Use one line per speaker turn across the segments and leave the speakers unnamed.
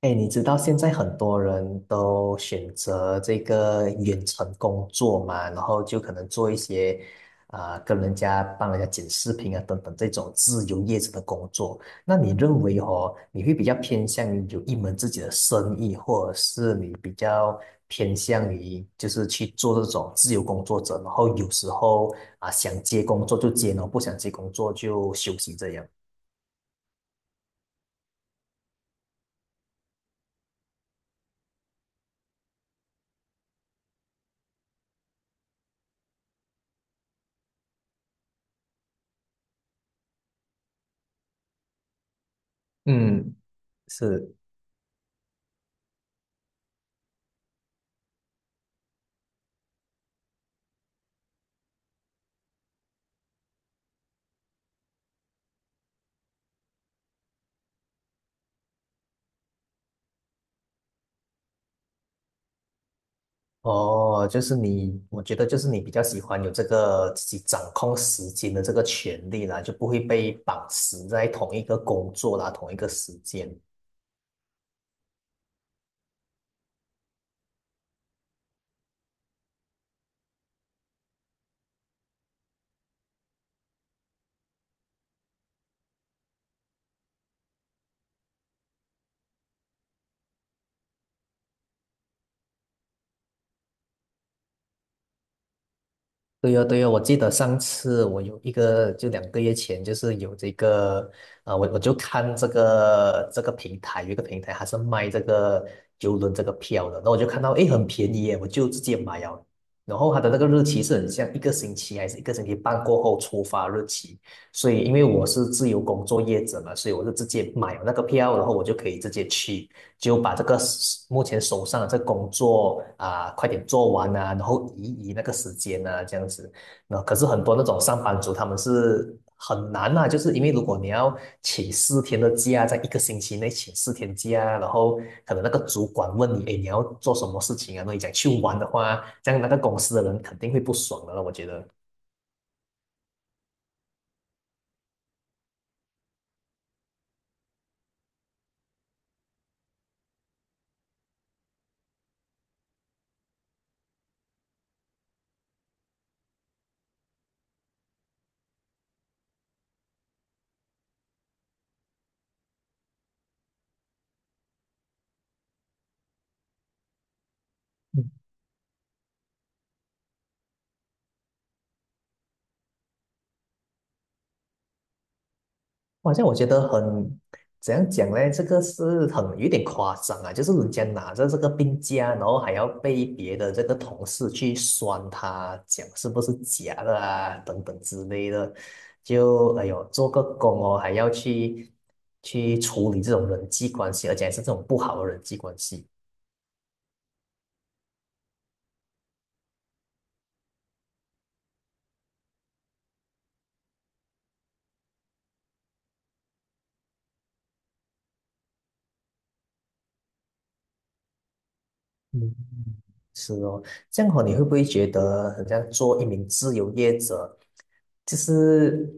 哎，你知道现在很多人都选择这个远程工作嘛，然后就可能做一些啊、跟人家帮人家剪视频啊等等这种自由业者的工作。那你认为哦，你会比较偏向于有一门自己的生意，或者是你比较偏向于就是去做这种自由工作者，然后有时候啊、想接工作就接，然后不想接工作就休息这样？嗯，是。哦，就是你，我觉得就是你比较喜欢有这个自己掌控时间的这个权利啦，就不会被绑死在同一个工作啦，同一个时间。对呀，对呀，我记得上次我有一个，就2个月前，就是有这个，我就看这个平台，有一个平台还是卖这个邮轮这个票的，然后我就看到，诶，很便宜耶，我就直接买了。然后它的那个日期是很像一个星期还是一个星期半过后出发日期，所以因为我是自由工作业者嘛，所以我就直接买了那个票，然后我就可以直接去。就把这个目前手上的这个工作啊、快点做完啊，然后移那个时间啊，这样子。那可是很多那种上班族，他们是很难啊，就是因为如果你要请4天的假，在一个星期内请4天假，然后可能那个主管问你，哎，你要做什么事情啊？那你讲去玩的话，这样那个公司的人肯定会不爽的了，我觉得。好像我觉得很，怎样讲呢？这个是很有点夸张啊，就是人家拿着这个病假，然后还要被别的这个同事去酸他，讲是不是假的啊，等等之类的，就哎呦，做个工哦，还要去处理这种人际关系，而且还是这种不好的人际关系。嗯。是哦，这样哦，你会不会觉得很像做一名自由业者，就是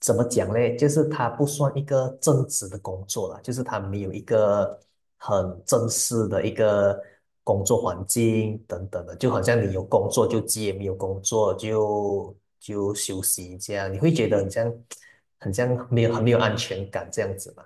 怎么讲嘞？就是他不算一个正职的工作啦，就是他没有一个很正式的一个工作环境等等的，就好像你有工作就接，没有工作就休息这样，你会觉得很像没有安全感这样子吗？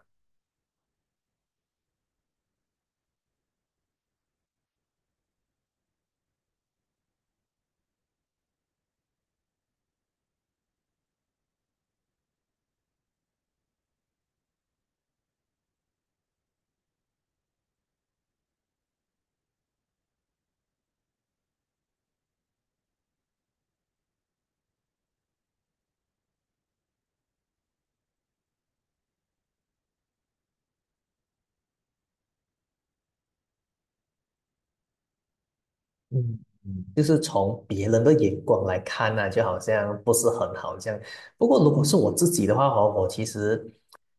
嗯，就是从别人的眼光来看呢、就好像不是很好这样。不过如果是我自己的话哦，我其实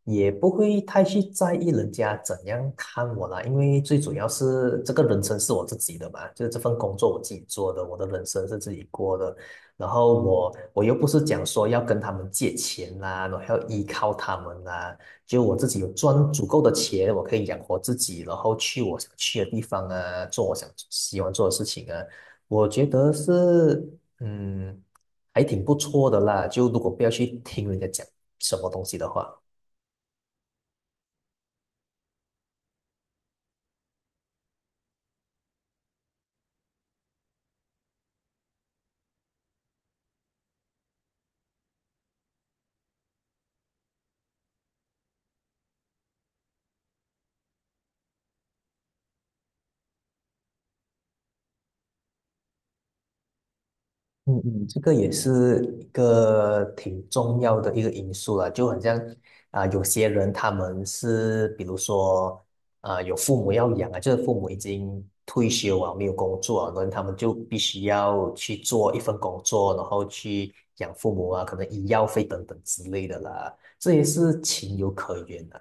也不会太去在意人家怎样看我啦，因为最主要是这个人生是我自己的嘛，就是这份工作我自己做的，我的人生是自己过的。然后我又不是讲说要跟他们借钱啦，然后要依靠他们啦。就我自己有赚足够的钱，我可以养活自己，然后去我想去的地方啊，做我想喜欢做的事情啊，我觉得是嗯，还挺不错的啦。就如果不要去听人家讲什么东西的话。嗯嗯，这个也是一个挺重要的一个因素了，就好像啊、有些人他们是比如说啊、有父母要养啊，就是父母已经退休啊，没有工作啊，然后他们就必须要去做一份工作，然后去养父母啊，可能医药费等等之类的啦，这也是情有可原的。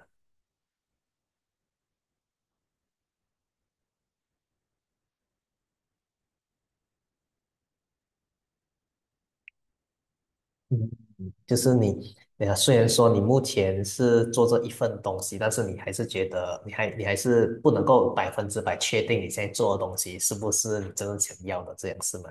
嗯。就是你，虽然说你目前是做这一份东西，但是你还是觉得你还是不能够百分之百确定你现在做的东西是不是你真正想要的，这样是吗？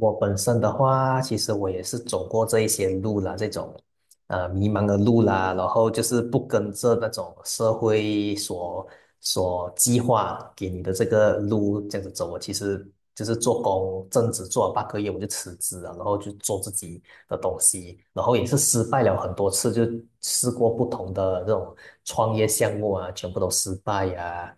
我本身的话，其实我也是走过这一些路啦，这种迷茫的路啦，然后就是不跟着那种社会所计划给你的这个路这样子走。我其实就是做工，正职做了8个月，我就辞职了，然后就做自己的东西，然后也是失败了很多次，就试过不同的这种创业项目啊，全部都失败呀、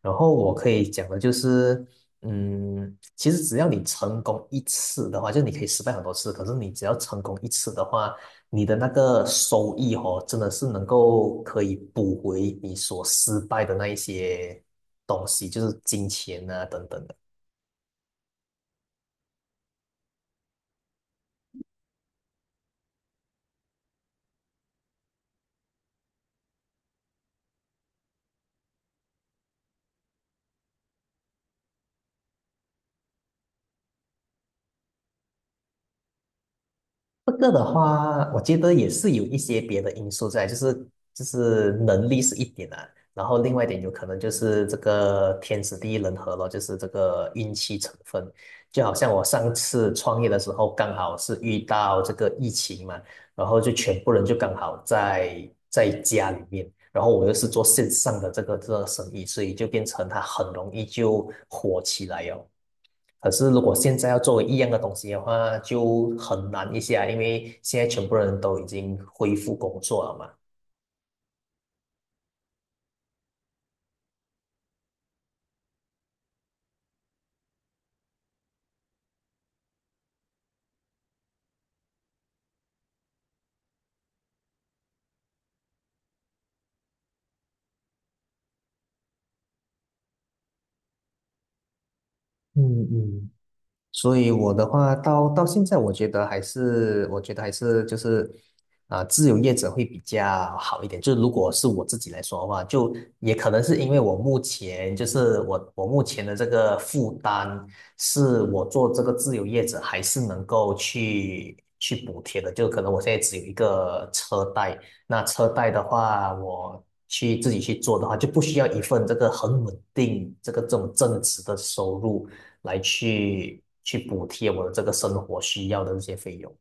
然后我可以讲的就是，其实只要你成功一次的话，就你可以失败很多次，可是你只要成功一次的话，你的那个收益哦，真的是能够可以补回你所失败的那一些东西，就是金钱啊等等的。这个的话，我觉得也是有一些别的因素在，就是能力是一点啊，然后另外一点有可能就是这个天时地利人和咯，就是这个运气成分。就好像我上次创业的时候，刚好是遇到这个疫情嘛，然后就全部人就刚好在家里面，然后我又是做线上的这个生意，所以就变成它很容易就火起来哟。可是如果现在要作为一样的东西的话，就很难一些啊，因为现在全部人都已经恢复工作了嘛。嗯嗯，所以我的话，到现在，我觉得还是，我觉得还是就是，啊、自由业者会比较好一点。就如果是我自己来说的话，就也可能是因为我目前就是我目前的这个负担，是我做这个自由业者还是能够去补贴的。就可能我现在只有一个车贷，那车贷的话，我去自己去做的话，就不需要一份这个很稳定这个这种正职的收入。来去补贴我的这个生活需要的这些费用。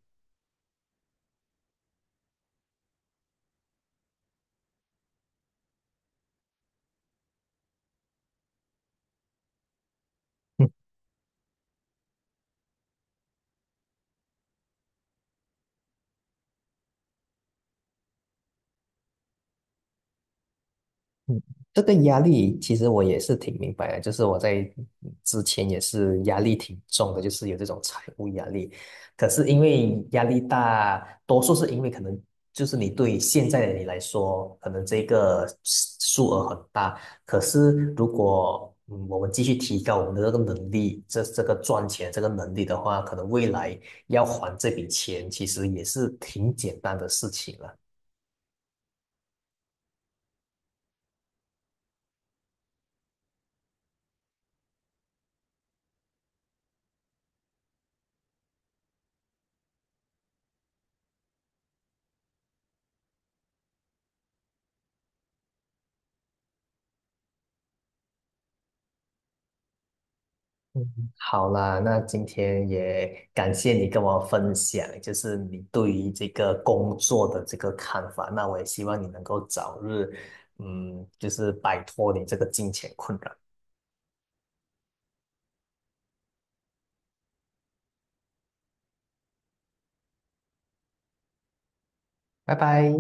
这个压力其实我也是挺明白的，就是我在之前也是压力挺重的，就是有这种财务压力。可是因为压力大，多数是因为可能就是你对现在的你来说，可能这个数额很大。可是如果我们继续提高我们的这个能力，这个赚钱这个能力的话，可能未来要还这笔钱其实也是挺简单的事情了。嗯，好啦，那今天也感谢你跟我分享，就是你对于这个工作的这个看法。那我也希望你能够早日，嗯，就是摆脱你这个金钱困扰。拜拜。